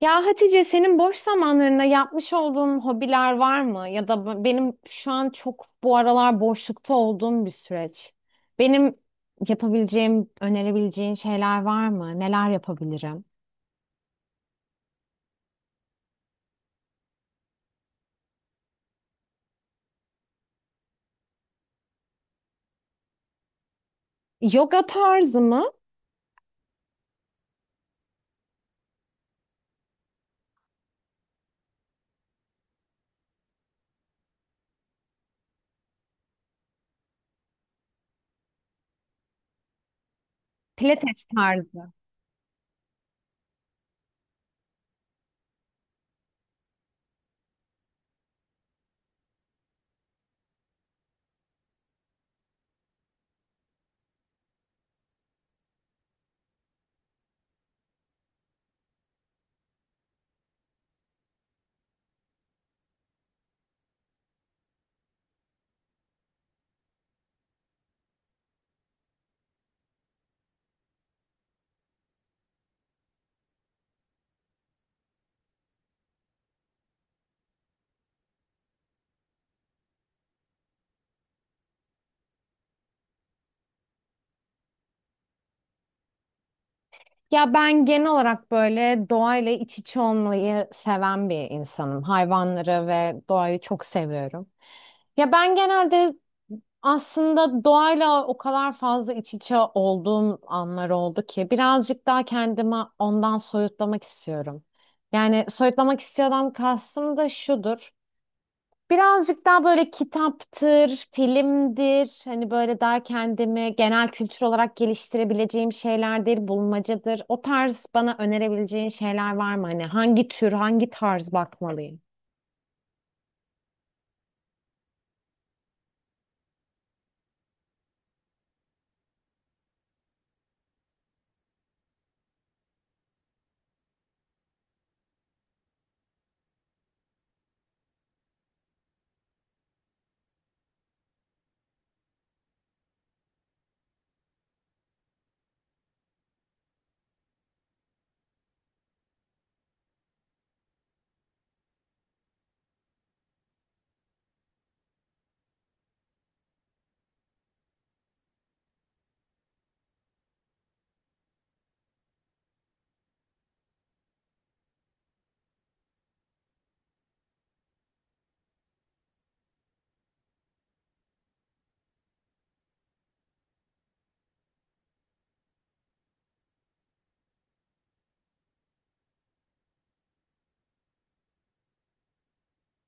Ya Hatice, senin boş zamanlarında yapmış olduğun hobiler var mı? Ya da benim şu an çok bu aralar boşlukta olduğum bir süreç. Benim yapabileceğim, önerebileceğin şeyler var mı? Neler yapabilirim? Yoga tarzı mı? Pilates tarzı. Ya ben genel olarak böyle doğayla iç içe olmayı seven bir insanım. Hayvanları ve doğayı çok seviyorum. Ya ben genelde aslında doğayla o kadar fazla iç içe olduğum anlar oldu ki birazcık daha kendimi ondan soyutlamak istiyorum. Yani soyutlamak istiyorsam kastım da şudur. Birazcık daha böyle kitaptır, filmdir, hani böyle daha kendimi genel kültür olarak geliştirebileceğim şeylerdir, bulmacadır. O tarz bana önerebileceğin şeyler var mı? Hani hangi tür, hangi tarz bakmalıyım?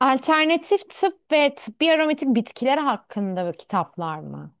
Alternatif tıp ve tıbbi aromatik bitkiler hakkında kitaplar mı?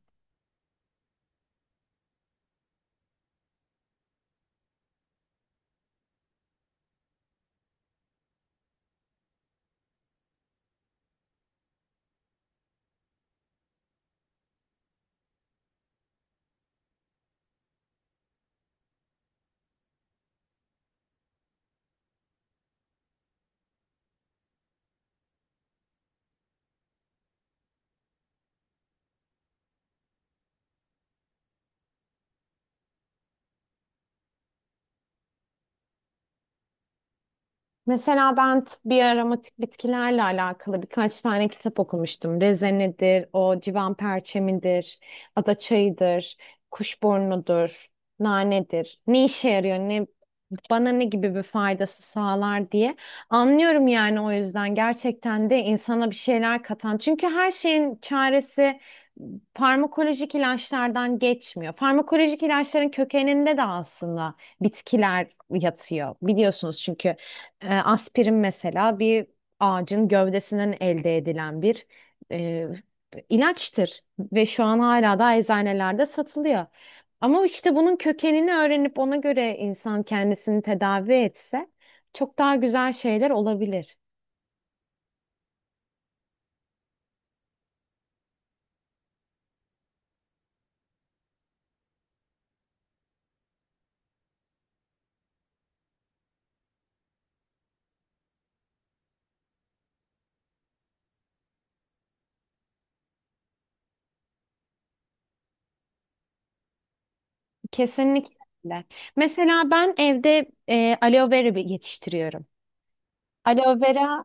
Mesela ben bir aromatik bitkilerle alakalı birkaç tane kitap okumuştum. Rezenedir, o civan perçemidir, ada çayıdır, kuşburnudur, nanedir. Ne işe yarıyor, ne bana ne gibi bir faydası sağlar diye. Anlıyorum yani, o yüzden gerçekten de insana bir şeyler katan. Çünkü her şeyin çaresi farmakolojik ilaçlardan geçmiyor. Farmakolojik ilaçların kökeninde de aslında bitkiler yatıyor. Biliyorsunuz çünkü aspirin mesela bir ağacın gövdesinden elde edilen bir e, ilaçtır ve şu an hala da eczanelerde satılıyor. Ama işte bunun kökenini öğrenip ona göre insan kendisini tedavi etse çok daha güzel şeyler olabilir. Kesinlikle. Mesela ben evde aloe vera yetiştiriyorum. Aloe vera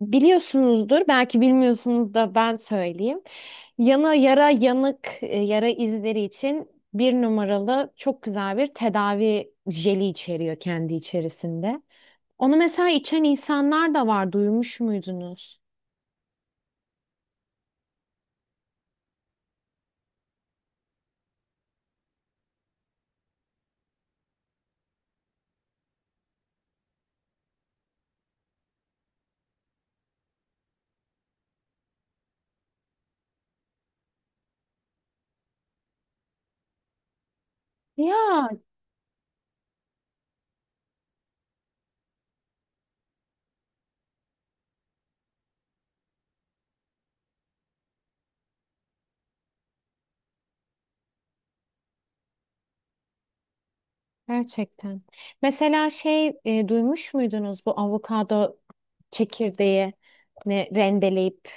biliyorsunuzdur, belki bilmiyorsunuz da ben söyleyeyim. Yana yara yanık yara izleri için bir numaralı çok güzel bir tedavi jeli içeriyor kendi içerisinde. Onu mesela içen insanlar da var, duymuş muydunuz? Ya gerçekten. Mesela duymuş muydunuz bu avokado çekirdeği ne rendeleyip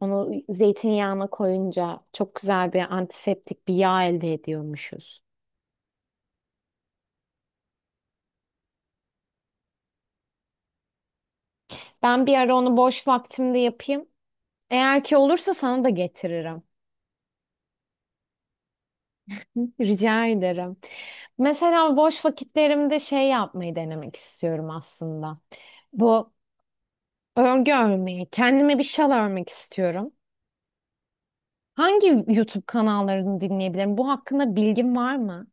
onu zeytinyağına koyunca çok güzel bir antiseptik bir yağ elde ediyormuşuz. Ben bir ara onu boş vaktimde yapayım. Eğer ki olursa sana da getiririm. Hı, rica ederim. Mesela boş vakitlerimde şey yapmayı denemek istiyorum aslında. Bu örgü örmeyi. Kendime bir şal örmek istiyorum. Hangi YouTube kanallarını dinleyebilirim? Bu hakkında bilgin var mı?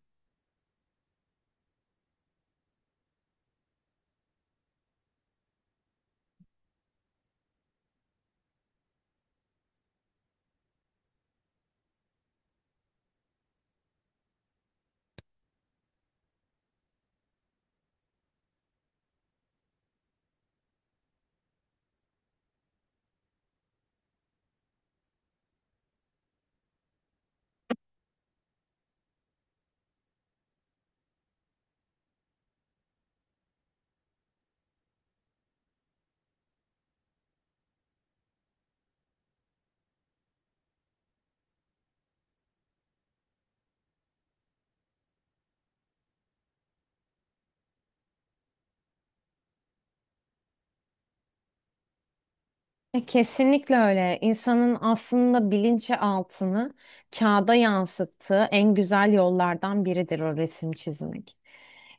Kesinlikle öyle. İnsanın aslında bilinçaltını kağıda yansıttığı en güzel yollardan biridir o resim çizmek.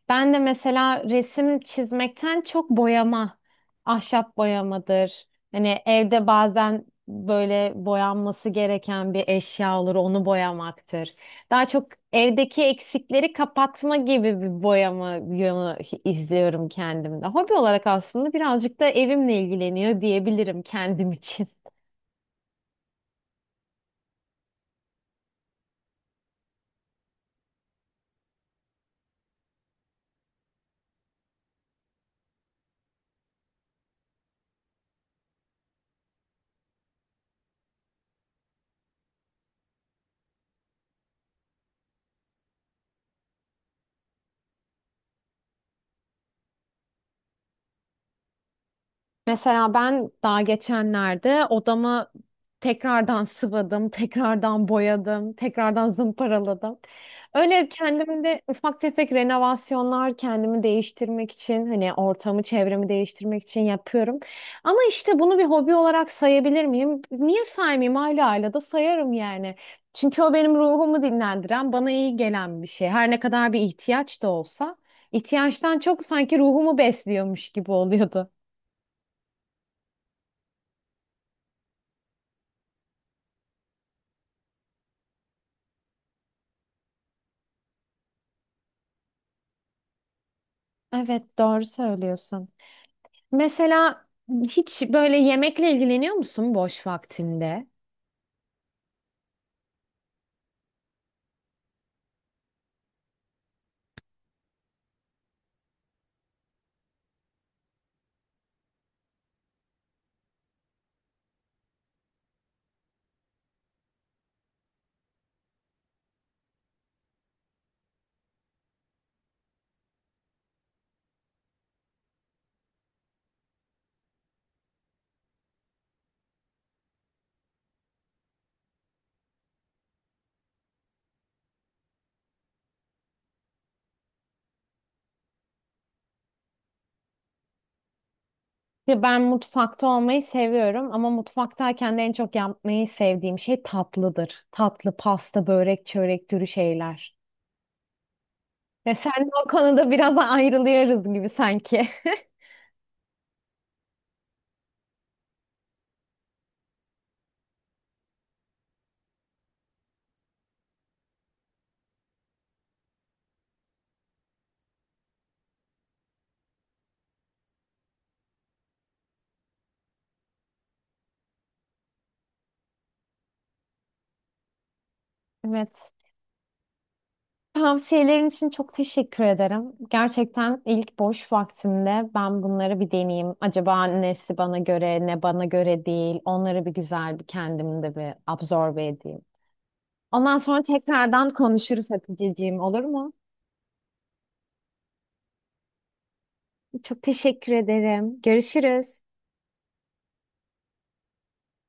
Ben de mesela resim çizmekten çok boyama, ahşap boyamadır. Hani evde bazen böyle boyanması gereken bir eşya olur, onu boyamaktır. Daha çok evdeki eksikleri kapatma gibi bir boyama yönü izliyorum kendimde. Hobi olarak aslında birazcık da evimle ilgileniyor diyebilirim kendim için. Mesela ben daha geçenlerde odamı tekrardan sıvadım, tekrardan boyadım, tekrardan zımparaladım. Öyle kendimde ufak tefek renovasyonlar kendimi değiştirmek için, hani ortamı, çevremi değiştirmek için yapıyorum. Ama işte bunu bir hobi olarak sayabilir miyim? Niye saymayayım? Hala da sayarım yani. Çünkü o benim ruhumu dinlendiren, bana iyi gelen bir şey. Her ne kadar bir ihtiyaç da olsa, ihtiyaçtan çok sanki ruhumu besliyormuş gibi oluyordu. Evet, doğru söylüyorsun. Mesela hiç böyle yemekle ilgileniyor musun boş vaktinde? Ya ben mutfakta olmayı seviyorum ama mutfaktayken de en çok yapmayı sevdiğim şey tatlıdır. Tatlı, pasta, börek, çörek türü şeyler. Ya sen o konuda biraz ayrılıyoruz gibi sanki. Evet. Tavsiyelerin için çok teşekkür ederim. Gerçekten ilk boş vaktimde ben bunları bir deneyeyim. Acaba nesi bana göre, ne bana göre değil. Onları bir güzel bir kendimde bir absorbe edeyim. Ondan sonra tekrardan konuşuruz Hatice'ciğim, olur mu? Çok teşekkür ederim. Görüşürüz.